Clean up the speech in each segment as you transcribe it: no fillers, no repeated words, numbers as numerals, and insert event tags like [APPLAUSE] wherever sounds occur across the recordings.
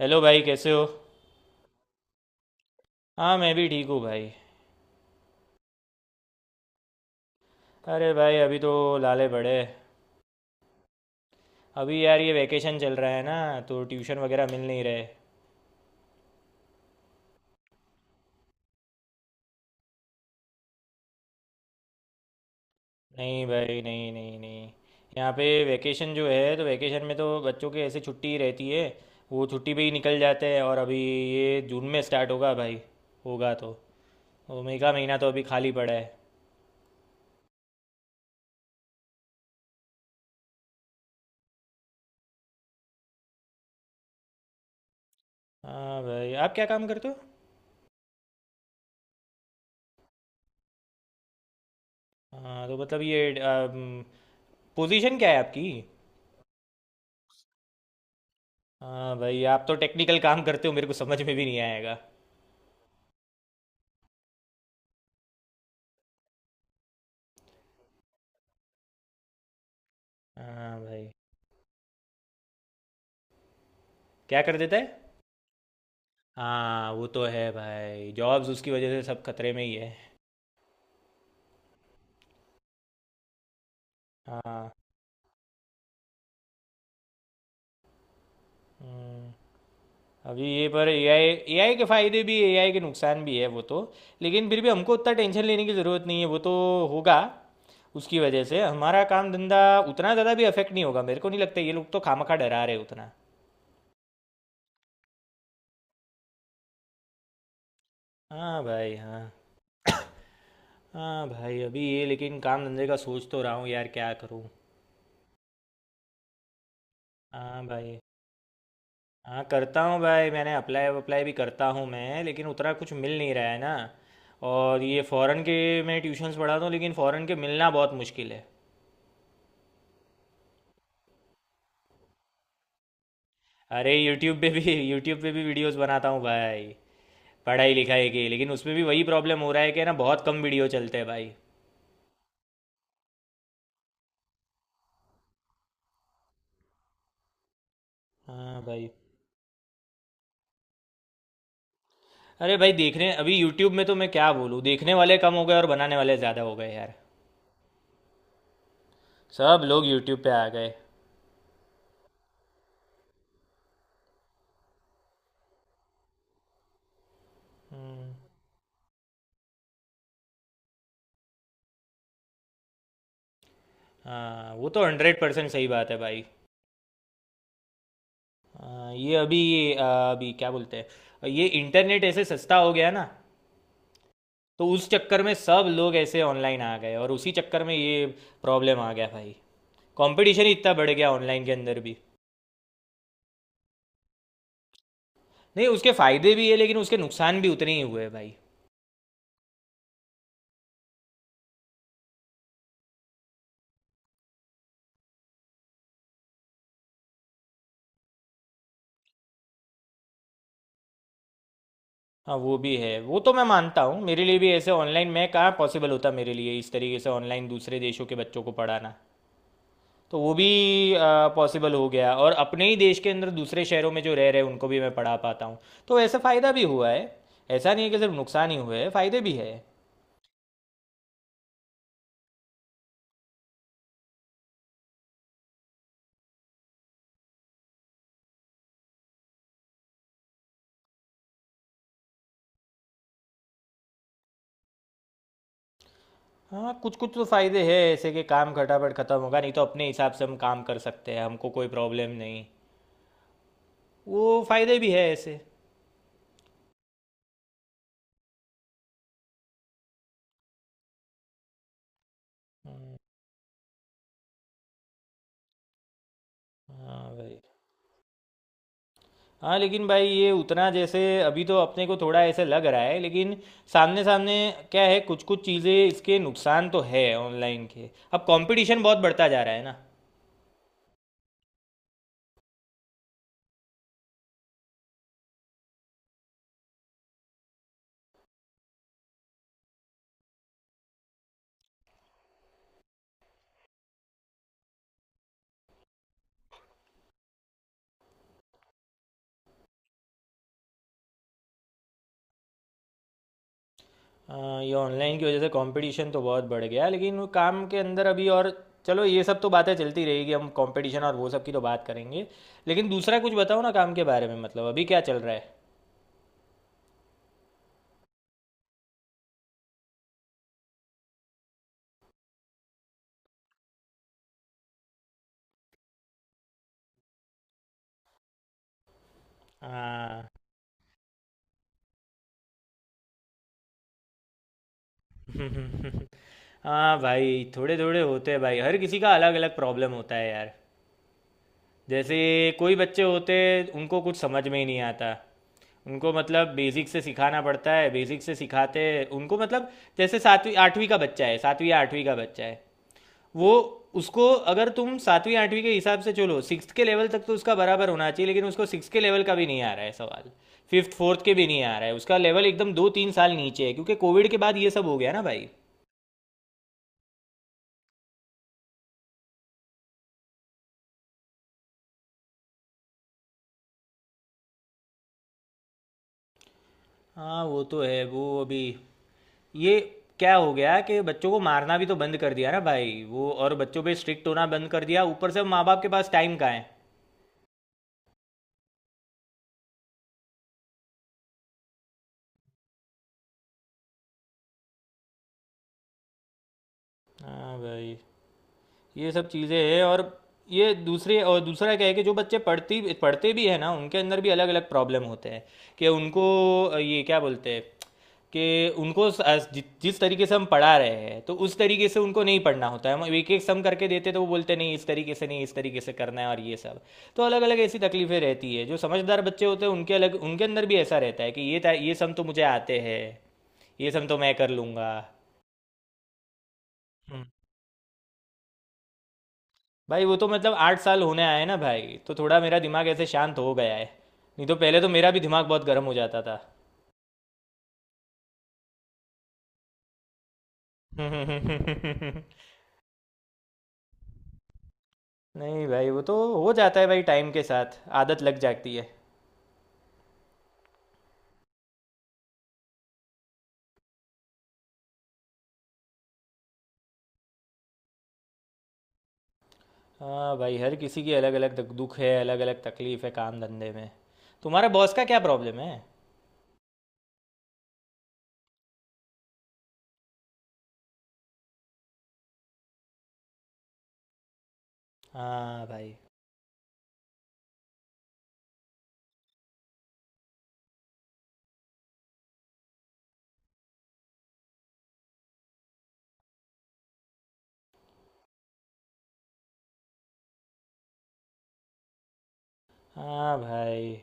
Hello भाई, कैसे हो? हाँ, मैं भी ठीक हूँ भाई। अरे भाई, अभी तो लाले बड़े हैं। अभी यार ये वैकेशन चल रहा है ना, तो ट्यूशन वगैरह मिल नहीं रहे। नहीं भाई, नहीं, नहीं, नहीं। यहाँ पे वैकेशन जो है, तो वैकेशन में तो बच्चों के ऐसे छुट्टी रहती है। वो छुट्टी पे ही निकल जाते हैं। और अभी ये जून में स्टार्ट होगा भाई। होगा तो मई का महीना तो अभी खाली पड़ा है। हाँ भाई, आप क्या काम करते हो? हाँ तो मतलब, ये पोजीशन क्या है आपकी? हाँ भाई, आप तो टेक्निकल काम करते हो, मेरे को समझ में भी नहीं आएगा। हाँ भाई, क्या कर देता है? हाँ, वो तो है भाई, जॉब्स उसकी वजह से सब खतरे में ही है। हाँ, हम्म, अभी ये पर एआई, एआई के फायदे भी एआई के नुकसान भी है वो तो। लेकिन फिर भी हमको उतना टेंशन लेने की ज़रूरत नहीं है, वो तो होगा। उसकी वजह से हमारा काम धंधा उतना ज़्यादा भी अफेक्ट नहीं होगा, मेरे को नहीं लगता। ये लोग तो खामखा डरा रहे उतना। हाँ भाई, हाँ। हाँ भाई, अभी ये लेकिन काम धंधे का सोच तो रहा हूँ यार, क्या करूँ। हाँ भाई, हाँ, करता हूँ भाई। मैंने अप्लाई अप्लाई भी करता हूँ मैं, लेकिन उतना कुछ मिल नहीं रहा है ना। और ये फॉरेन के, मैं ट्यूशन्स पढ़ाता हूँ, लेकिन फॉरेन के मिलना बहुत मुश्किल है। अरे यूट्यूब पे भी [LAUGHS] यूट्यूब पे भी वीडियोस बनाता हूँ भाई, पढ़ाई लिखाई की। लेकिन उसमें भी वही प्रॉब्लम हो रहा है कि ना, बहुत कम वीडियो चलते हैं भाई। हाँ भाई। अरे भाई देखने, अभी यूट्यूब में तो मैं क्या बोलूँ, देखने वाले कम हो गए और बनाने वाले ज़्यादा हो गए यार। सब लोग यूट्यूब पे आ गए। हम्म। हाँ, वो तो 100% सही बात है भाई। ये अभी अभी क्या बोलते हैं, ये इंटरनेट ऐसे सस्ता हो गया ना, तो उस चक्कर में सब लोग ऐसे ऑनलाइन आ गए और उसी चक्कर में ये प्रॉब्लम आ गया भाई। कंपटीशन इतना बढ़ गया ऑनलाइन के अंदर भी। नहीं, उसके फायदे भी है लेकिन उसके नुकसान भी उतने ही हुए हैं भाई। हाँ वो भी है, वो तो मैं मानता हूँ। मेरे लिए भी ऐसे ऑनलाइन, मैं कहाँ पॉसिबल होता मेरे लिए इस तरीके से ऑनलाइन दूसरे देशों के बच्चों को पढ़ाना, तो वो भी पॉसिबल हो गया। और अपने ही देश के अंदर दूसरे शहरों में जो रह रहे हैं उनको भी मैं पढ़ा पाता हूँ, तो ऐसा फ़ायदा भी हुआ है। ऐसा नहीं है कि सिर्फ नुकसान ही हुए हैं, फ़ायदे भी है। हाँ, कुछ कुछ तो फ़ायदे हैं ऐसे कि काम खटापट ख़त्म होगा, नहीं तो अपने हिसाब से हम काम कर सकते हैं, हमको कोई प्रॉब्लम नहीं। वो फ़ायदे भी है ऐसे। हाँ भाई। हाँ लेकिन भाई, ये उतना जैसे अभी तो अपने को थोड़ा ऐसे लग रहा है, लेकिन सामने सामने क्या है, कुछ कुछ चीज़ें इसके नुकसान तो है ऑनलाइन के, अब कंपटीशन बहुत बढ़ता जा रहा है ना। हाँ, ये ऑनलाइन की वजह से कंपटीशन तो बहुत बढ़ गया है, लेकिन वो काम के अंदर अभी और, चलो ये सब तो बातें चलती रहेगी, हम कंपटीशन और वो सब की तो बात करेंगे, लेकिन दूसरा कुछ बताओ ना काम के बारे में, मतलब अभी क्या चल रहा है। हाँ। [LAUGHS] हाँ भाई, थोड़े थोड़े होते हैं भाई, हर किसी का अलग अलग प्रॉब्लम होता है यार। जैसे कोई बच्चे होते हैं, उनको कुछ समझ में ही नहीं आता। उनको मतलब बेसिक से सिखाना पड़ता है, बेसिक से सिखाते हैं उनको। मतलब जैसे सातवीं आठवीं का बच्चा है, सातवीं या आठवीं का बच्चा है। वो, उसको, अगर तुम सातवीं आठवीं के हिसाब से चलो, सिक्स के लेवल तक तो उसका बराबर होना चाहिए, लेकिन उसको सिक्स के लेवल का भी नहीं आ रहा है सवाल, फिफ्थ फोर्थ के भी नहीं आ रहा है। उसका लेवल एकदम 2-3 साल नीचे है क्योंकि कोविड के बाद ये सब हो गया ना भाई। हाँ वो तो है। वो अभी ये क्या हो गया कि बच्चों को मारना भी तो बंद कर दिया ना भाई, वो और बच्चों पे स्ट्रिक्ट होना बंद कर दिया। ऊपर से माँ बाप के पास टाइम कहाँ है? हाँ भाई, ये सब चीज़ें हैं। और ये दूसरे और दूसरा क्या है कि जो बच्चे पढ़ती पढ़ते भी है ना, उनके अंदर भी अलग अलग प्रॉब्लम होते हैं कि उनको ये क्या बोलते हैं, कि उनको जिस तरीके से हम पढ़ा रहे हैं, तो उस तरीके से उनको नहीं पढ़ना होता है। हम एक एक सम करके देते, तो वो बोलते नहीं, इस तरीके से नहीं, इस तरीके से करना है, और ये सब। तो अलग अलग ऐसी तकलीफें रहती है। जो समझदार बच्चे होते हैं, उनके अलग, उनके अंदर भी ऐसा रहता है कि ये सम तो मुझे आते हैं, ये सम तो मैं कर लूँगा। भाई वो तो मतलब 8 साल होने आए हैं ना भाई, तो थोड़ा मेरा दिमाग ऐसे शांत हो गया है, नहीं तो पहले तो मेरा भी दिमाग बहुत गर्म हो जाता था। [LAUGHS] नहीं भाई, वो तो हो जाता है भाई, टाइम के साथ आदत लग जाती है। हाँ भाई, हर किसी की अलग अलग दुख है, अलग अलग तकलीफ है काम धंधे में। तुम्हारे बॉस का क्या प्रॉब्लम है? हाँ भाई। हाँ भाई।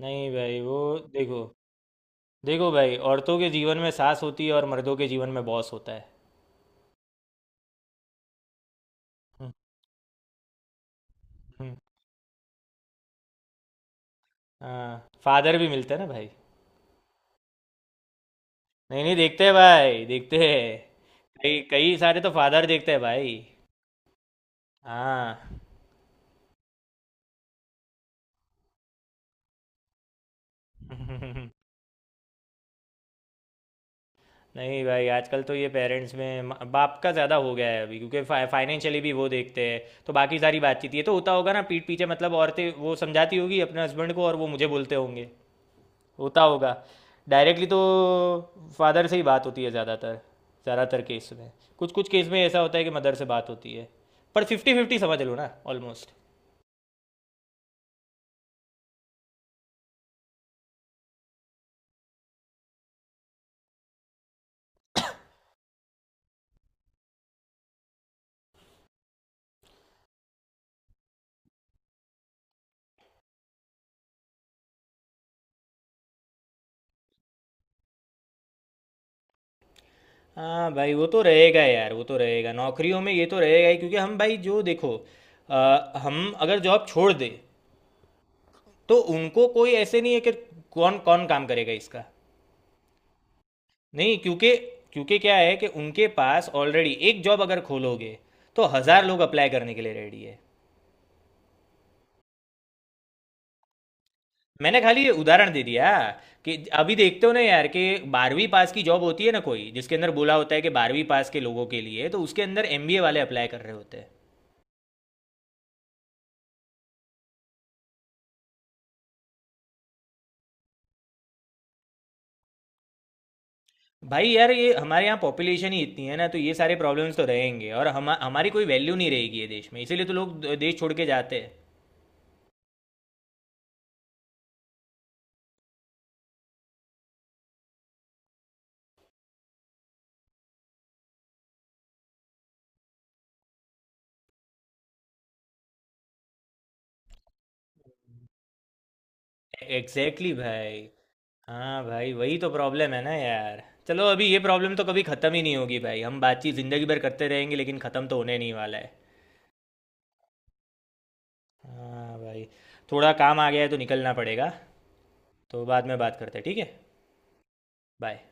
नहीं भाई, वो देखो, देखो भाई, औरतों के जीवन में सास होती है और मर्दों के जीवन में बॉस होता है। [LAUGHS] हम्म, हम्म, हाँ फादर भी मिलता है ना भाई। नहीं, नहीं देखते हैं भाई, देखते हैं। कई कई सारे तो फादर देखते हैं भाई। हाँ। [LAUGHS] नहीं भाई, आजकल तो ये पेरेंट्स में बाप का ज़्यादा हो गया है अभी, क्योंकि फाइनेंशियली भी वो देखते हैं। तो बाकी सारी बातचीत, ये तो होता होगा ना पीठ पीछे, मतलब औरतें वो समझाती होगी अपने हस्बैंड को और वो मुझे बोलते होंगे। होता होगा। डायरेक्टली तो फादर से ही बात होती है ज़्यादातर ज़्यादातर केस में। कुछ कुछ केस में ऐसा होता है कि मदर से बात होती है। पर 50-50 समझ लो ना, ऑलमोस्ट। हाँ भाई, वो तो रहेगा यार, वो तो रहेगा नौकरियों में, ये तो रहेगा ही, क्योंकि हम भाई जो देखो, हम अगर जॉब छोड़ दे तो उनको कोई ऐसे नहीं है कि कौन कौन काम करेगा इसका। नहीं, क्योंकि क्योंकि क्या है कि उनके पास ऑलरेडी एक जॉब अगर खोलोगे, तो 1,000 लोग अप्लाई करने के लिए रेडी है। मैंने खाली ये उदाहरण दे दिया कि अभी देखते हो ना यार कि 12वीं पास की जॉब होती है ना कोई, जिसके अंदर बोला होता है कि 12वीं पास के लोगों के लिए, तो उसके अंदर एमबीए वाले अप्लाई कर रहे होते हैं। भाई यार, ये हमारे यहाँ पॉपुलेशन ही इतनी है ना, तो ये सारे प्रॉब्लम्स तो रहेंगे और हम, हमारी कोई वैल्यू नहीं रहेगी ये देश में। इसीलिए तो लोग देश छोड़ के जाते हैं। एग्जैक्टली exactly भाई। हाँ भाई, वही तो प्रॉब्लम है ना यार। चलो अभी ये प्रॉब्लम तो कभी ख़त्म ही नहीं होगी भाई, हम बातचीत ज़िंदगी भर करते रहेंगे लेकिन ख़त्म तो होने नहीं वाला है। हाँ भाई, थोड़ा काम आ गया है तो निकलना पड़ेगा। तो बाद में बात करते हैं, ठीक है? बाय।